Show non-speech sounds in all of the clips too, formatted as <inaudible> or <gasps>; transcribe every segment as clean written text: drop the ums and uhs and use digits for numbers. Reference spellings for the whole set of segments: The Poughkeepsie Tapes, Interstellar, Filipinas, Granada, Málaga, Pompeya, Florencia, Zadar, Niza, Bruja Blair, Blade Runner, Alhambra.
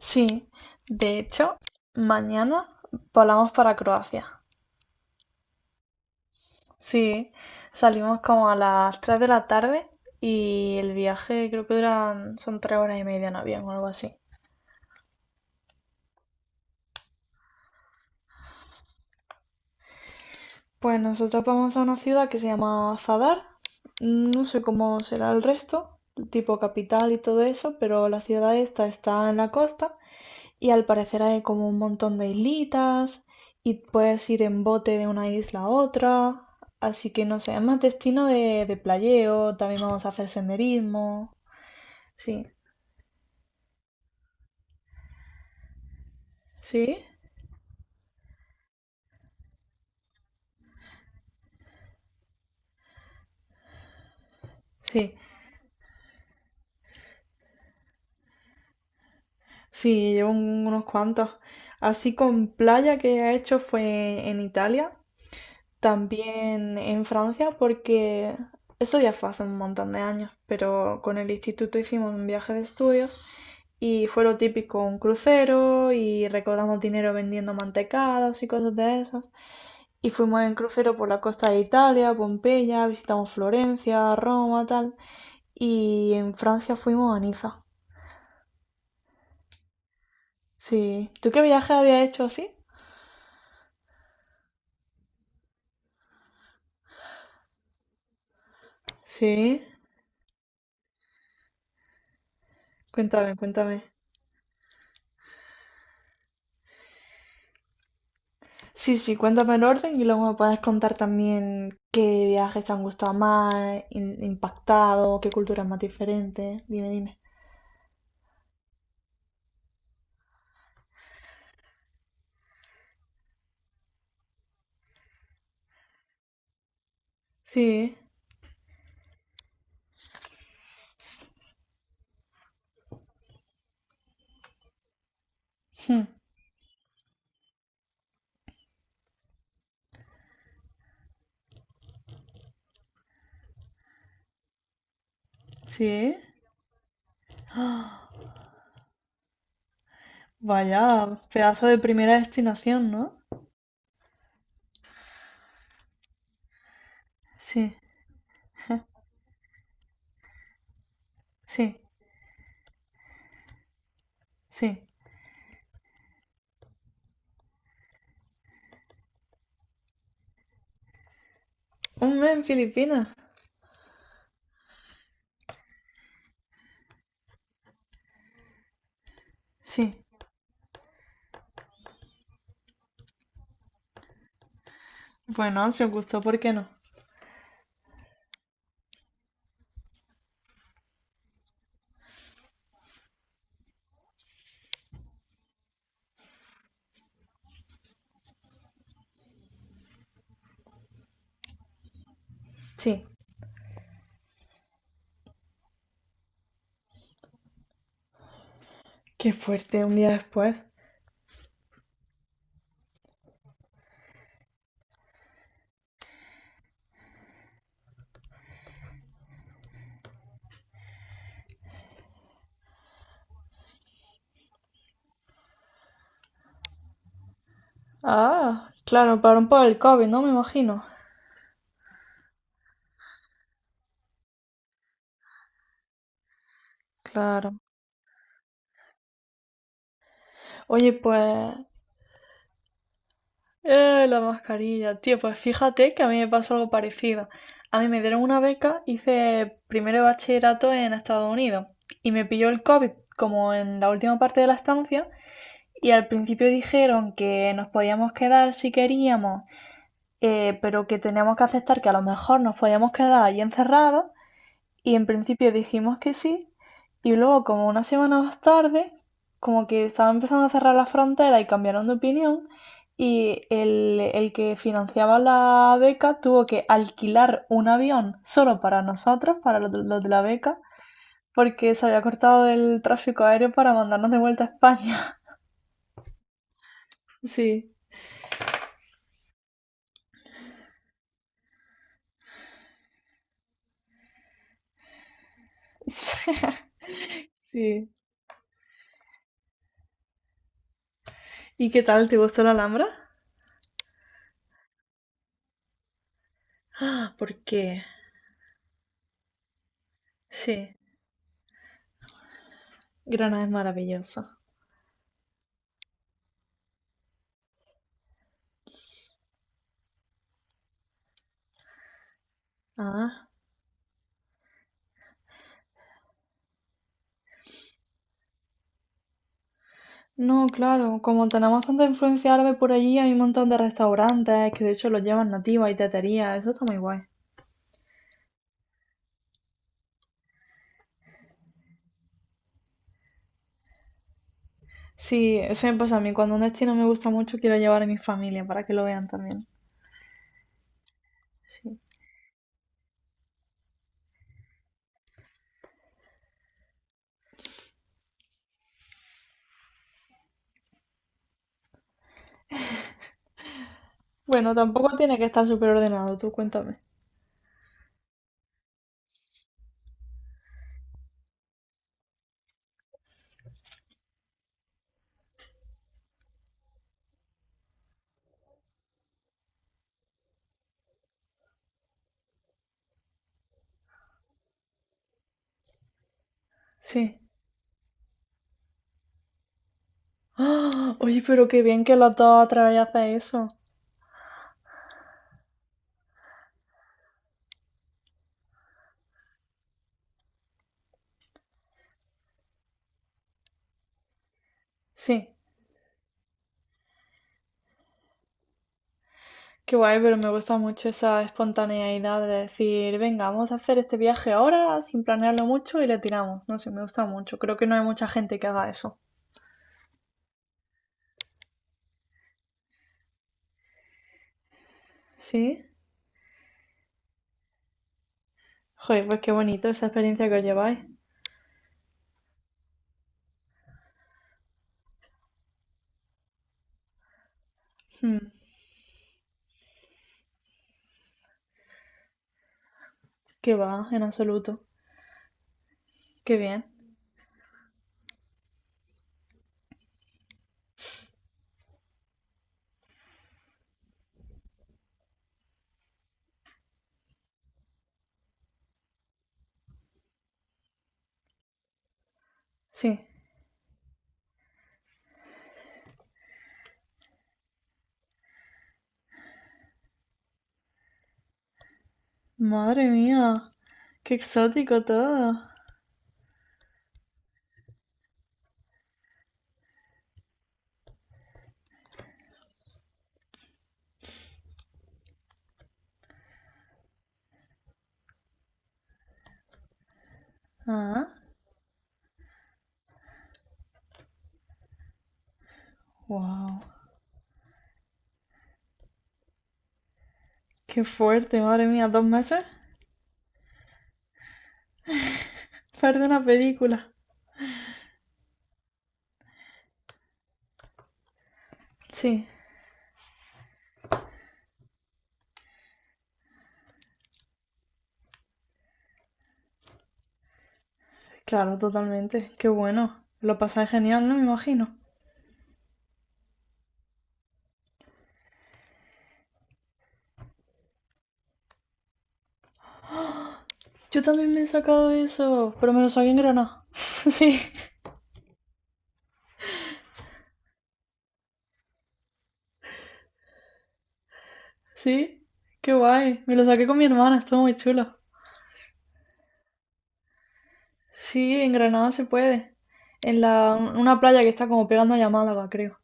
Sí, de hecho, mañana volamos para Croacia. Sí, salimos como a las 3 de la tarde y el viaje creo que duran, son 3 horas y media en avión o algo así. Pues nosotros vamos a una ciudad que se llama Zadar. No sé cómo será el resto, tipo capital y todo eso, pero la ciudad esta está en la costa. Y al parecer hay como un montón de islitas y puedes ir en bote de una isla a otra. Así que no sé, es más destino de playeo, también vamos a hacer senderismo. Sí, sí, sí, sí, llevo unos cuantos. Así con playa que he hecho fue en Italia, también en Francia, porque eso ya fue hace un montón de años, pero con el instituto hicimos un viaje de estudios. Y fue lo típico, un crucero y recaudamos dinero vendiendo mantecadas y cosas de esas. Y fuimos en crucero por la costa de Italia, Pompeya, visitamos Florencia, Roma, tal. Y en Francia fuimos a Niza. Sí. ¿Tú qué viaje habías hecho así? Sí. Cuéntame, cuéntame. Sí, sí, cuéntame el orden y luego me puedes contar también qué viajes te han gustado más, impactado, qué cultura es más diferente. Dime, dime. Sí. Hmm. Sí. <gasps> Vaya, pedazo de primera destinación, ¿no? Sí, sí, sí. Un mes en Filipinas. Sí. Bueno, si os gustó, ¿por qué no? Sí. Qué fuerte, un día después. Ah, claro, pararon por el COVID, ¿no? Me imagino. Claro. Oye, pues. La mascarilla, tío, pues fíjate que a mí me pasó algo parecido. A mí me dieron una beca, hice primero de bachillerato en Estados Unidos y me pilló el COVID como en la última parte de la estancia. Y al principio dijeron que nos podíamos quedar si queríamos, pero que teníamos que aceptar que a lo mejor nos podíamos quedar allí encerrados. Y en principio dijimos que sí. Y luego, como una semana más tarde, como que estaban empezando a cerrar la frontera y cambiaron de opinión. Y el que financiaba la beca tuvo que alquilar un avión solo para nosotros, para los de la beca, porque se había cortado el tráfico aéreo para mandarnos de vuelta a España. Sí. <laughs> Sí. ¿Y qué tal? ¿Te gustó la Alhambra? Ah, porque sí, Granada es maravillosa. Ah. No, claro, como tenemos tanta influencia árabe por allí, hay un montón de restaurantes que de hecho los llevan nativas y teterías, eso está muy guay. Sí, eso me pasa a mí, cuando un destino me gusta mucho quiero llevar a mi familia para que lo vean también. Sí. Bueno, tampoco tiene que estar súper ordenado, tú cuéntame. Sí. ¡Ah! Oye, pero qué bien que los dos otra vez hacen eso. Sí. Qué guay, pero me gusta mucho esa espontaneidad de decir, venga, vamos a hacer este viaje ahora sin planearlo mucho y le tiramos. No sé, me gusta mucho. Creo que no hay mucha gente que haga eso. ¿Sí? Joder, pues qué bonito esa experiencia que os lleváis. Hmm, qué va, en absoluto. Qué bien. Sí. Madre mía, qué exótico todo. Ah, wow. Qué fuerte, madre mía, 2 meses. Parte de una película. Sí, claro, totalmente. Qué bueno. Lo pasáis genial, ¿no? Me imagino. Yo también me he sacado eso, pero me lo saqué en Granada. <laughs> Sí, sí, qué guay. Me lo saqué con mi hermana, estuvo muy chulo. Sí, en Granada se puede. En la, una playa que está como pegando a Málaga, creo.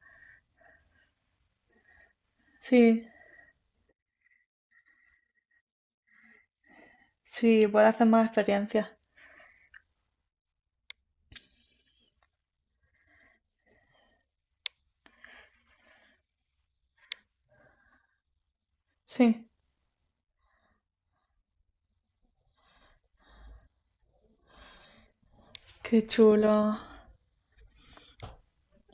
Sí, sí, puede hacer más experiencias. Sí, qué chulo.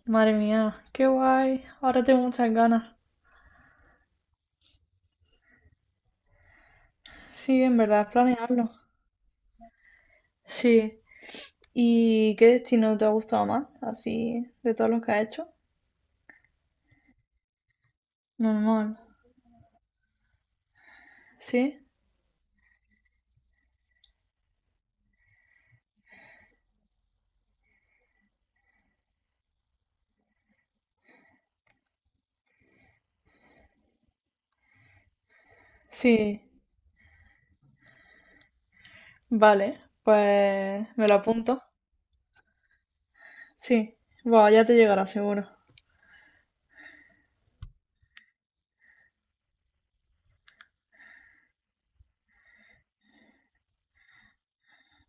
Madre mía, qué guay. Ahora tengo muchas ganas. Sí, en verdad, planearlo. Sí. ¿Y qué destino te ha gustado más? Así, de todos los que has hecho. Normal. Sí, sí. Vale, pues me lo apunto. Sí, bueno, ya te llegará seguro.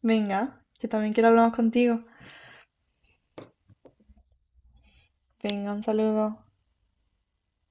Venga, que también quiero hablar más contigo. Venga, un saludo.